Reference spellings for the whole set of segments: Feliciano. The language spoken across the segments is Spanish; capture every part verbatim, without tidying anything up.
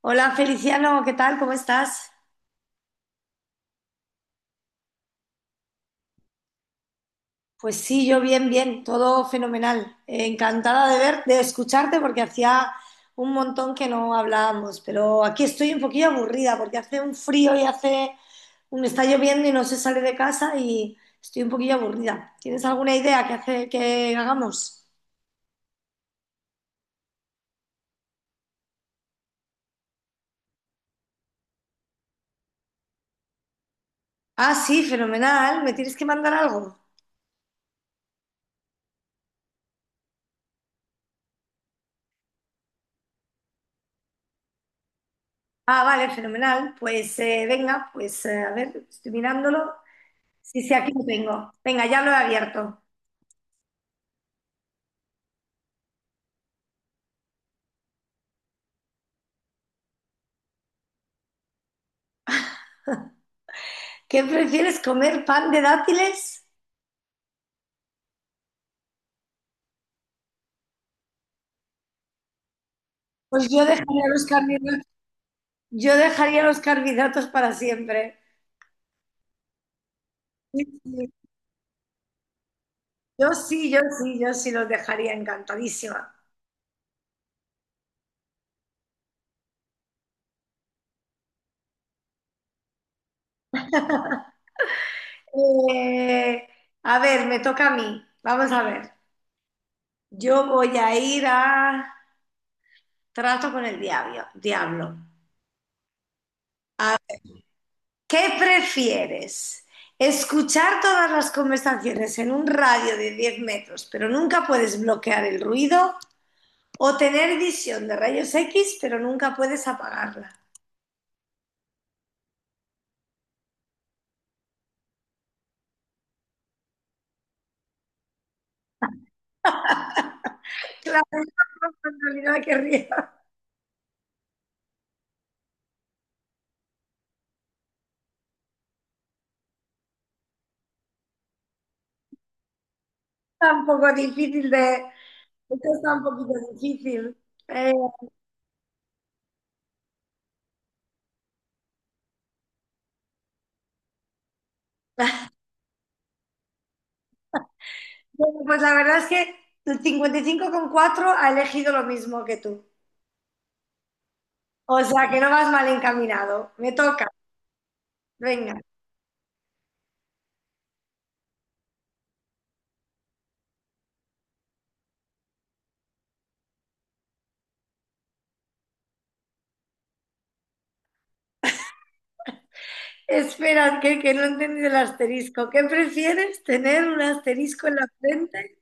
Hola Feliciano, ¿qué tal? ¿Cómo estás? Pues sí, yo bien, bien, todo fenomenal. Eh, encantada de ver, de escucharte porque hacía un montón que no hablábamos, pero aquí estoy un poquillo aburrida porque hace un frío y hace, me está lloviendo y no se sale de casa y estoy un poquillo aburrida. ¿Tienes alguna idea que hace que hagamos? Ah, sí, fenomenal. ¿Me tienes que mandar algo? Ah, vale, fenomenal. Pues eh, venga, pues eh, a ver, estoy mirándolo. Sí, sí, aquí lo tengo. Venga, ya lo he abierto. ¿Qué prefieres comer pan de dátiles? Pues yo dejaría los carbohidratos, yo dejaría los carbohidratos para siempre. Sí, sí. Yo sí, yo sí, yo sí los dejaría encantadísima. Eh, a ver, me toca a mí. Vamos a ver. Yo voy a ir a trato con el diablo. diablo. ¿Qué prefieres? ¿Escuchar todas las conversaciones en un radio de diez metros, pero nunca puedes bloquear el ruido? ¿O tener visión de rayos X, pero nunca puedes apagarla? La personalidad que ría. Tampoco difícil de. Esto está un poquito difícil. Eh, bueno, pues la verdad es que el cincuenta y cinco coma cuatro ha elegido lo mismo que tú. O sea que no vas mal encaminado. Me toca. Venga. Espera, que, que no he entendido el asterisco. ¿Qué prefieres? ¿Tener un asterisco en la frente?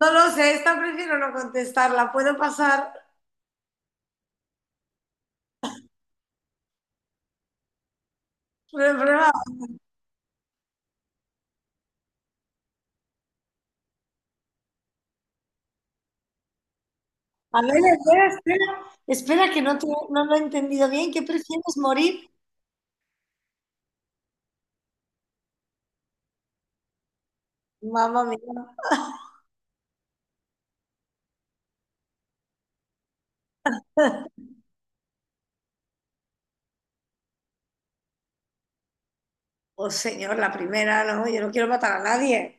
No lo sé, esta prefiero no contestarla. ¿Puedo pasar? Prueba. A ver, espera, espera, espera, que no, te- no lo he entendido bien. ¿Qué prefieres morir? Mamá mía. Oh, señor, la primera, no, yo no quiero matar a nadie.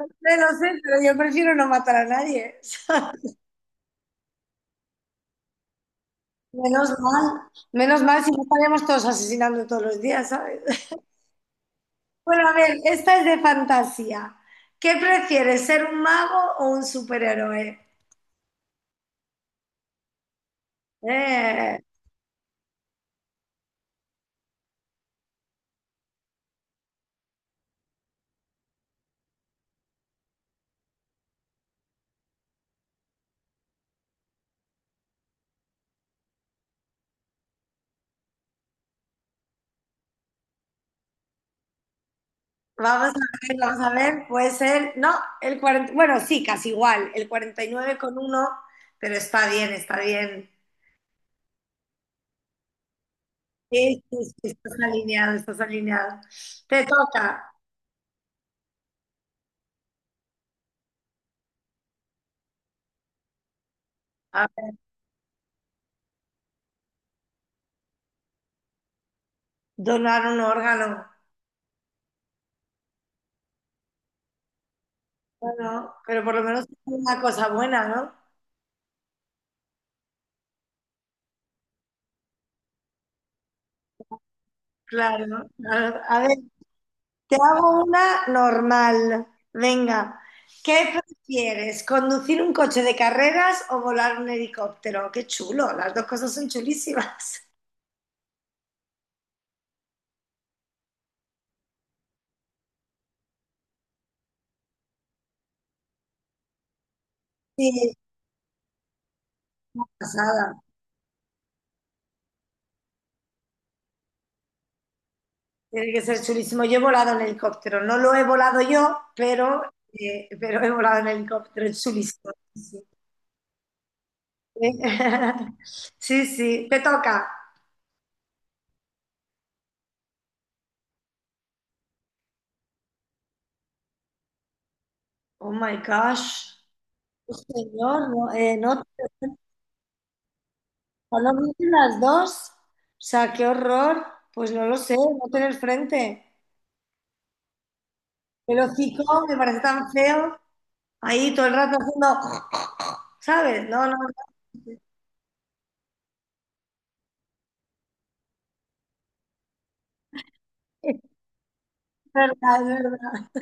Bueno, no lo sé, pero yo prefiero no matar a nadie. Menos mal, menos mal, si no estaríamos todos asesinando todos los días, ¿sabes? Bueno, a ver, esta es de fantasía. ¿Qué prefieres, ser un mago o un superhéroe? Eh, Vamos a ver, vamos a ver, puede ser, no, el cuarenta, bueno, sí, casi igual, el cuarenta y nueve con uno, pero está bien, está bien. Sí, sí, sí, estás alineado, estás alineado. Te toca a ver, donar un órgano, bueno, pero por lo menos es una cosa buena, ¿no? Claro, claro. A ver, te hago una normal. Venga, ¿qué prefieres? ¿Conducir un coche de carreras o volar un helicóptero? Qué chulo, las dos cosas son chulísimas. Sí, pasada. Tiene que ser chulísimo. Yo he volado en helicóptero. No lo he volado yo, pero, eh, pero he volado en helicóptero. Es chulísimo. Sí, sí. sí. Sí. Te toca. Oh my gosh. Señor, no, eh, no, no lo dicen las dos. O sea, qué horror. Pues no lo sé, no tener frente. El hocico me parece tan feo. Ahí todo el rato haciendo. ¿Sabes? No, no, no. Es verdad, es verdad.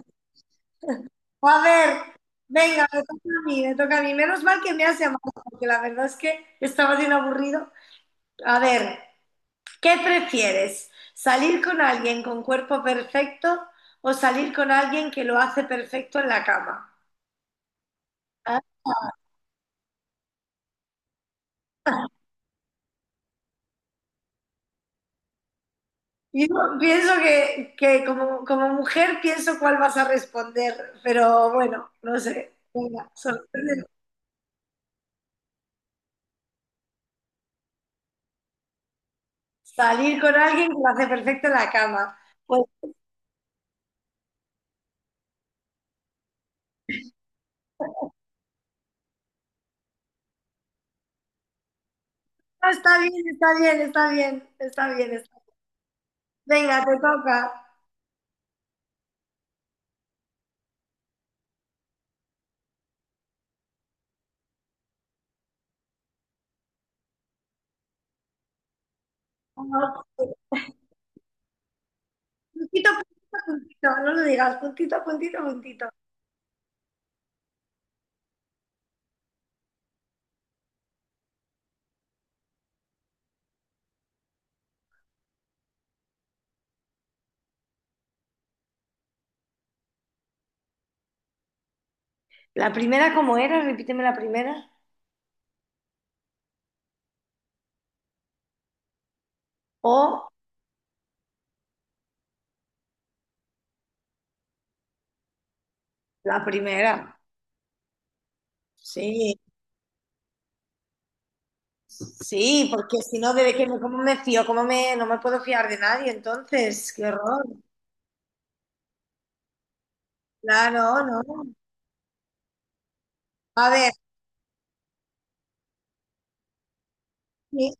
O a ver, venga, me toca a mí, me toca a mí. Menos mal que me has llamado, porque la verdad es que estaba bien aburrido. A ver, ¿qué prefieres? ¿Salir con alguien con cuerpo perfecto o salir con alguien que lo hace perfecto en la cama? Ah, yo pienso que, que como, como mujer pienso cuál vas a responder, pero bueno, no sé. Venga, sorprende. Salir con alguien que lo hace perfecto en la cama. Pues ah, está bien, está bien, está bien, está bien, está bien. Venga, te toca. Puntito, puntito, puntito. No lo digas. Puntito, puntito, puntito. La primera, ¿cómo era? Repíteme la primera. O la primera. Sí, sí, porque si no, ¿de qué me, cómo me fío? ¿Cómo me, no me puedo fiar de nadie entonces? Qué horror. Claro, no. A ver, sí.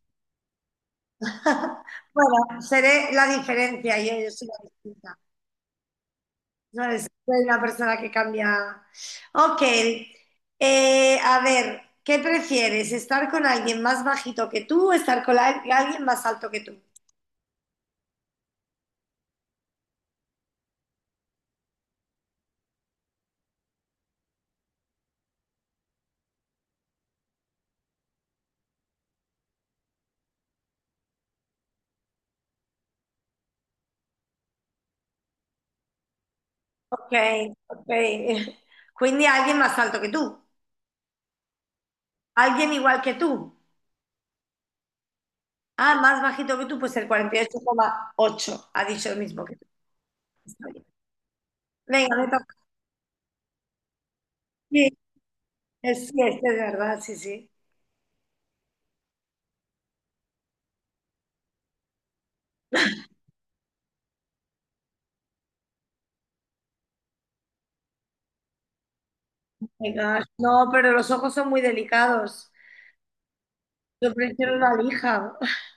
Bueno, seré la diferencia. Yo, yo soy la distinta. No eres una persona que cambia. Ok, eh, a ver, ¿qué prefieres? ¿Estar con alguien más bajito que tú o estar con al- alguien más alto que tú? Ok, ok. Quindi alguien más alto que tú, alguien igual que tú. Ah, más bajito que tú, pues el cuarenta y ocho coma ocho ha dicho el mismo que tú. Está bien. Venga, me toca. Sí, es, sí, es de verdad, sí, sí. Venga. No, pero los ojos son muy delicados. Yo prefiero una lija.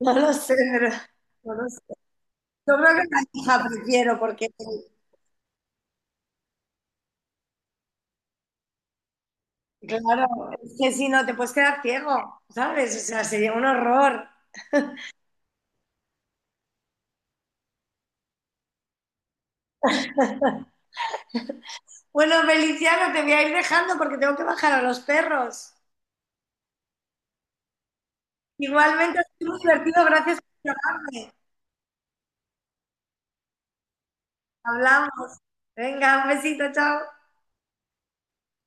No lo sé, pero, no lo sé. Yo creo que la hija prefiero, porque claro, es que si no te puedes quedar ciego, ¿sabes? O sea, sería un horror. Bueno, Feliciano, te voy a ir dejando porque tengo que bajar a los perros. Igualmente ha sido muy divertido, gracias por llamarme. Hablamos. Venga, un besito, chao.